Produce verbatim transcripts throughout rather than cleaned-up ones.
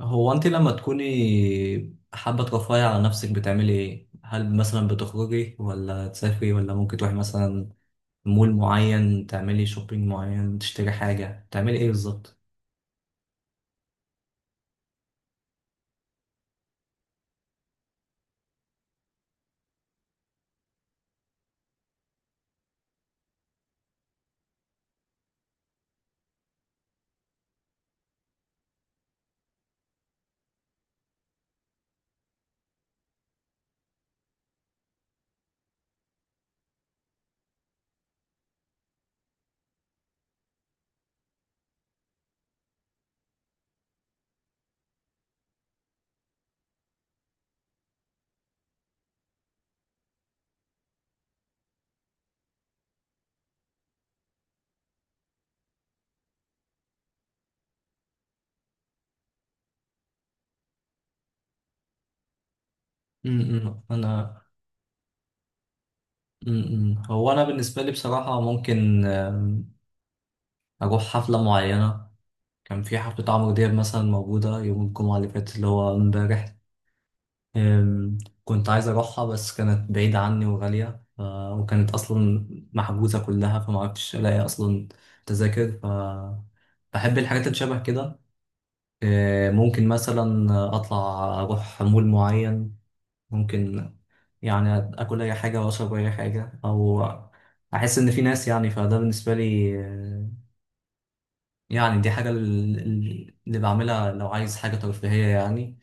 هو انت لما تكوني حابة ترفهي على نفسك بتعملي ايه؟ هل مثلا بتخرجي ولا تسافري ولا ممكن تروحي مثلا مول معين تعملي شوبينج معين تشتري حاجة تعملي ايه بالظبط؟ امم انا م- م. هو انا بالنسبة لي بصراحة ممكن آم، اروح حفلة معينة. كان في حفلة عمرو دياب مثلا موجودة يوم الجمعة اللي فاتت اللي هو امبارح. أم، كنت عايز أروحها بس كانت بعيدة عني وغالية ف... وكانت أصلا محجوزة كلها، فمعرفتش ألاقي أصلا تذاكر. ف بحب الحاجات اللي شبه كده. أه، ممكن مثلا أطلع، أروح مول معين، ممكن يعني آكل أي حاجة وأشرب أي حاجة، أو أحس إن في ناس يعني. فده بالنسبة لي آه، يعني دي حاجة ال- ال- اللي بعملها لو عايز حاجة ترفيهية يعني.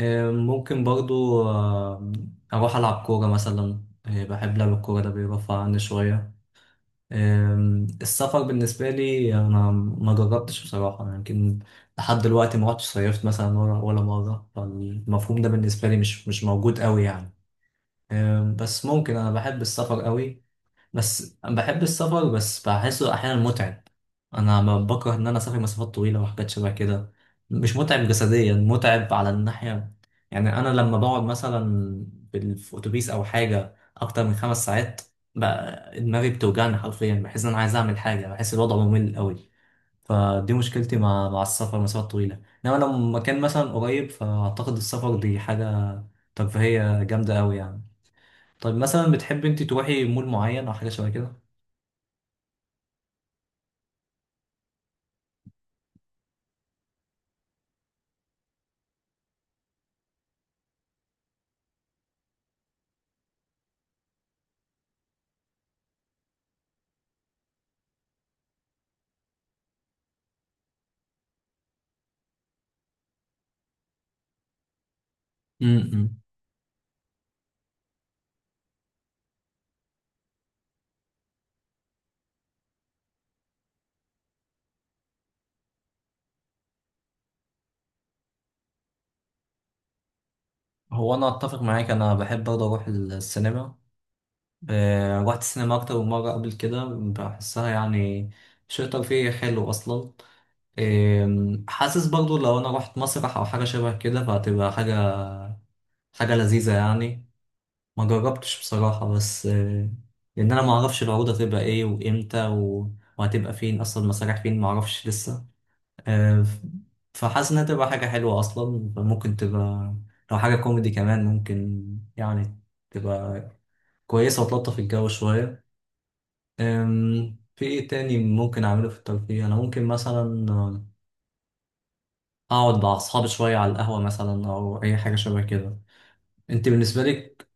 آه، ممكن برضو آه، أروح ألعب كورة مثلا. آه، بحب لعب الكورة، ده بيرفع عني شوية. آم، السفر بالنسبة لي أنا ما جربتش بصراحة، يمكن لحد دلوقتي ما رحتش صيفت مثلا ولا ولا مرة، فالمفهوم ده بالنسبة لي مش مش موجود قوي يعني. آم، بس ممكن أنا بحب السفر قوي، بس بحب السفر، بس بحسه احيانا متعب. انا ما بكره ان انا اسافر مسافات طويله وحاجات شبه كده، مش متعب جسديا، متعب على الناحيه يعني. انا لما بقعد مثلا بال- في اتوبيس او حاجه اكتر من خمس ساعات، بقى دماغي بتوجعني حرفيا، بحس ان انا عايز اعمل حاجه، بحس الوضع ممل قوي. فدي مشكلتي مع مع السفر مسافات طويله، انما لو مكان مثلا قريب فاعتقد السفر دي حاجه ترفيهيه جامده قوي يعني. طيب مثلا بتحب انت تروحي مول معين او حاجه شبه كده؟ امم. هو انا اتفق معاك، انا بحب برضه اروح السينما. آه، رحت السينما اكتر من مره قبل كده، بحسها يعني شيء ترفيهي حلو اصلا. آم، حاسس برضه لو انا رحت مسرح او حاجه شبه كده فهتبقى حاجه حاجه لذيذه يعني. ما جربتش بصراحه، بس آه، لان انا ما اعرفش العروض هتبقى ايه وامتى و- وهتبقى فين، اصلا المسارح فين ما اعرفش لسه. آه، ف- فحاسس انها تبقى حاجة حلوة اصلا، فممكن تبقى لو حاجة كوميدي كمان ممكن يعني تبقى كويسة وتلطف الجو شوية. آم، في ايه تاني ممكن اعمله في الترفيه؟ انا ممكن مثلا آه، اقعد مع اصحابي شوية على القهوة مثلا، او اي حاجة شبه كده. انت بالنسبة لك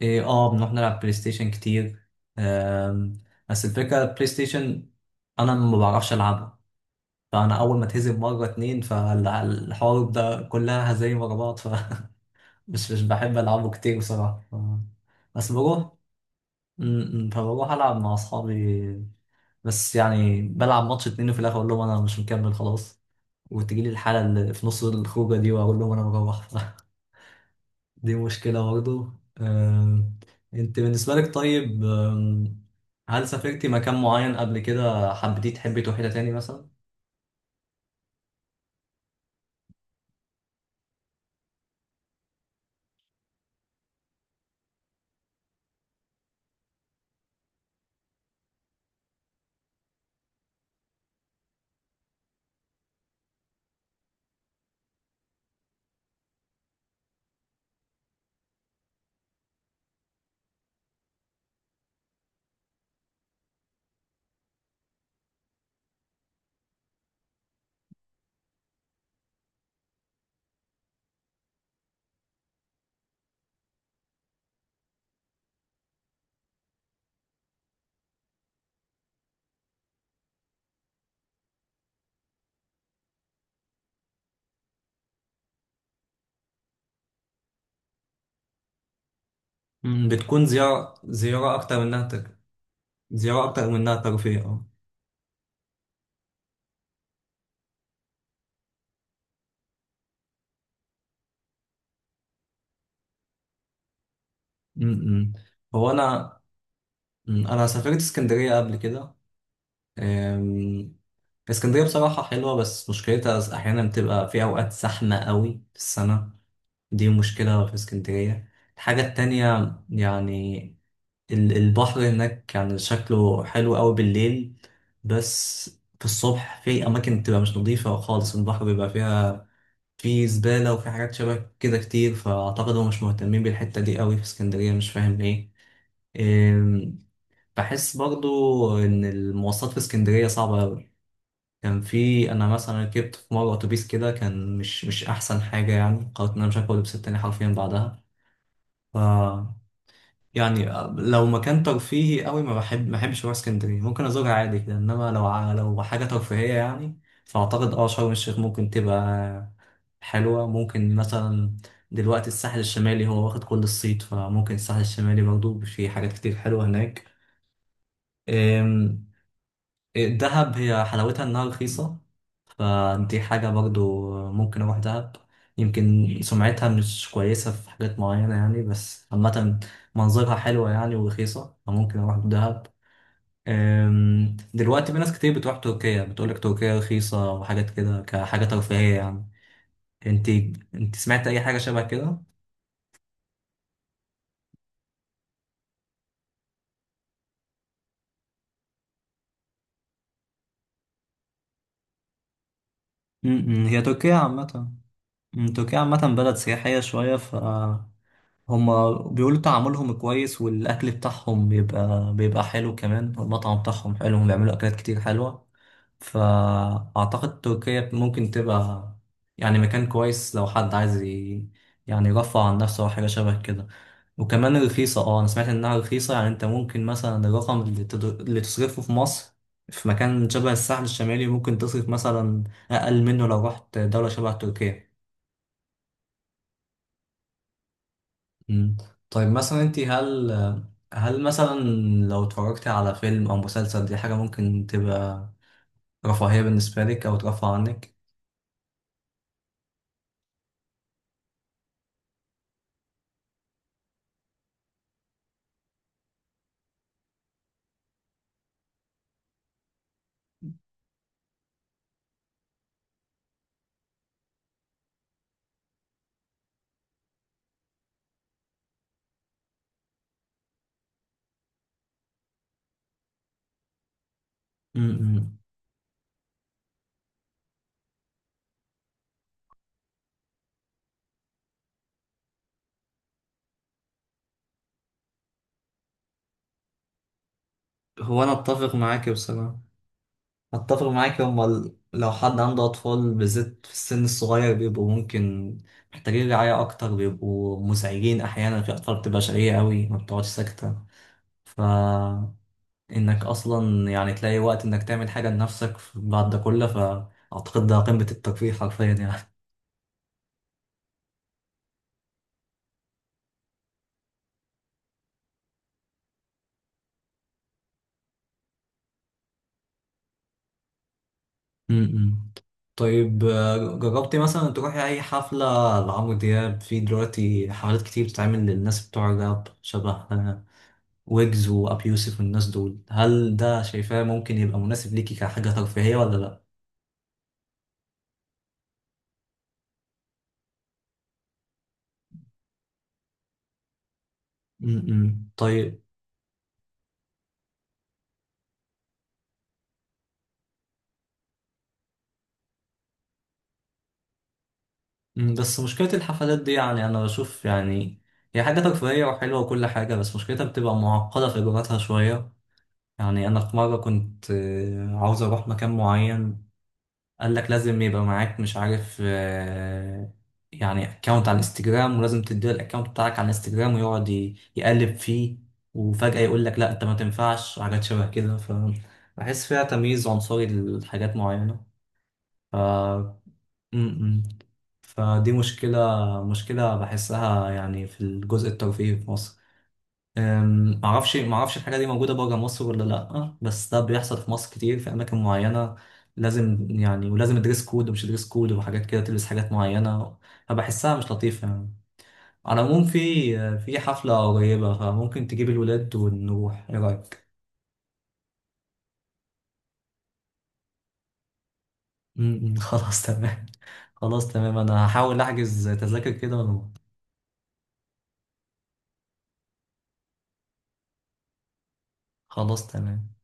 ايه؟ اه بنروح نلعب بلاي ستيشن كتير. آم، بس الفكرة البلاي ستيشن انا ما بعرفش العبها، فانا اول ما اتهزم مره اتنين فالحوار ده كلها هزايم ورا بعض، مش مش بحب ألعبه كتير بصراحة. ف- بس بروح، م- م، فبروح ألعب مع أصحابي بس، يعني بلعب ماتش اتنين وفي الآخر أقول لهم أنا مش مكمل خلاص، وتجيلي الحالة اللي في نص الخروجة دي وأقول لهم أنا بروح. دي مشكلة برضه. آم، أنت بالنسبة لك طيب آم، هل سافرتي مكان معين قبل كده حبيتي تحبي تروحي له تاني مثلا؟ م، بتكون زيارة زيارة أكتر من إنها تك- زيارة أكتر من إنها ترفيه، أه. م- م. هو أنا مم، انا سافرت اسكندريه قبل كده. أم، اسكندريه بصراحه حلوه، بس مشكلتها احيانا بتبقى في اوقات زحمه قوي في السنه، دي مشكله في اسكندريه. الحاجه التانية يعني ال- البحر هناك كان شكله حلو قوي بالليل، بس في الصبح في اماكن بتبقى مش نظيفه خالص، البحر بيبقى فيها في زباله وفي حاجات شبه كده كتير. فاعتقد هم مش مهتمين بالحته دي قوي في اسكندريه، مش فاهم ليه. بحس برضو ان المواصلات في اسكندريه صعبه قوي، كان في انا مثلا ركبت في مره اتوبيس كده كان مش مش احسن حاجه يعني، قررت ان انا مش هاكل لبس تاني حرفيا بعدها. ف يعني لو مكان ترفيهي قوي ما بحب ما بحبش اروح اسكندريه، ممكن ازورها عادي كده، انما لو ع- لو حاجه ترفيهيه يعني، فاعتقد اه شرم الشيخ ممكن تبقى حلوه. ممكن مثلا دلوقتي الساحل الشمالي هو واخد كل الصيت، فممكن الساحل الشمالي برضو في حاجات كتير حلوه هناك. دهب هي حلاوتها انها رخيصة، فدي حاجة برضو ممكن اروح دهب. يمكن سمعتها مش كويسة في حاجات معينة يعني، بس عامة منظرها حلوة يعني ورخيصة، فممكن اروح دهب. أم، دلوقتي في ناس كتير بتروح تركيا، بتقولك تركيا رخيصة وحاجات كده كحاجة ترفيهية يعني. انت انت سمعت اي حاجة شبه كده؟ م- م، هي تركيا عامة م، تركيا عامة بلد سياحية شوية، ف هما بيقولوا تعاملهم كويس، والأكل بتاعهم بيبقى بيبقى حلو كمان، والمطعم بتاعهم حلو، هم بيعملوا أكلات كتير حلوة. فأعتقد تركيا ممكن تبقى يعني مكان كويس لو حد عايز ي... يعني يرفع عن نفسه أو حاجة شبه كده. وكمان رخيصة، اه أنا سمعت إنها رخيصة يعني. أنت ممكن مثلا الرقم اللي، تدر... اللي تصرفه في مصر في مكان شبه الساحل الشمالي، ممكن تصرف مثلا أقل منه لو رحت دولة شبه تركيا. مم. طيب مثلا انت هل هل مثلا لو اتفرجتي على فيلم او مسلسل، دي حاجة ممكن تبقى رفاهية بالنسبة لك او ترفع عنك؟ مم. هو انا اتفق معاك بصراحة، اتفق معاك. هما ال- لو حد عنده اطفال بالذات في السن الصغير بيبقوا ممكن محتاجين رعاية اكتر، بيبقوا مزعجين احيانا، في اطفال بتبقى شقية قوي ما بتقعدش ساكتة. ف انك اصلا يعني تلاقي وقت انك تعمل حاجة لنفسك بعد ده كله، ف اعتقد ده قمة الترفيه حرفيا يعني. امم طيب. آه، جربتي مثلا تروحي أي حفلة لعمرو دياب؟ في دلوقتي حفلات كتير بتتعمل للناس بتوع الراب شبه آه، ويجز وأبي يوسف والناس دول، هل ده شايفاه ممكن يبقى مناسب ليكي كحاجة ترفيهية ولا لأ؟ امم طيب. مم، بس مشكلة الحفلات دي يعني أنا بشوف يعني هي حاجة ترفيهية وحلوة وكل حاجة، بس مشكلتها بتبقى معقدة في إجراءاتها شوية. يعني أنا في مرة كنت آه، عاوز أروح مكان معين، قال لك لازم يبقى معاك مش عارف آه، يعني اكونت على الانستجرام، ولازم تديله الاكونت بتاعك على الانستجرام ويقعد ي- يقلب فيه، وفجأة يقول لك لا انت ما تنفعش وحاجات شبه كده، فبحس فيها تمييز عنصري لحاجات معينة. ف م-م. فدي مشكلة مشكلة بحسها يعني في الجزء الترفيهي في مصر. أم، معرفش معرفش الحاجة دي موجودة بره مصر ولا لأ، بس ده بيحصل في مصر كتير في أماكن معينة. لازم يعني ولازم دريس كود ومش دريس كود وحاجات كده، تلبس حاجات معينة، فبحسها مش لطيفة يعني. على العموم في في حفلة قريبة، فممكن تجيب الولاد ونروح، إيه رأيك؟ م- م، خلاص تمام، خلاص تمام. أنا هحاول أحجز تذاكر كده ونروح. خلاص تمام.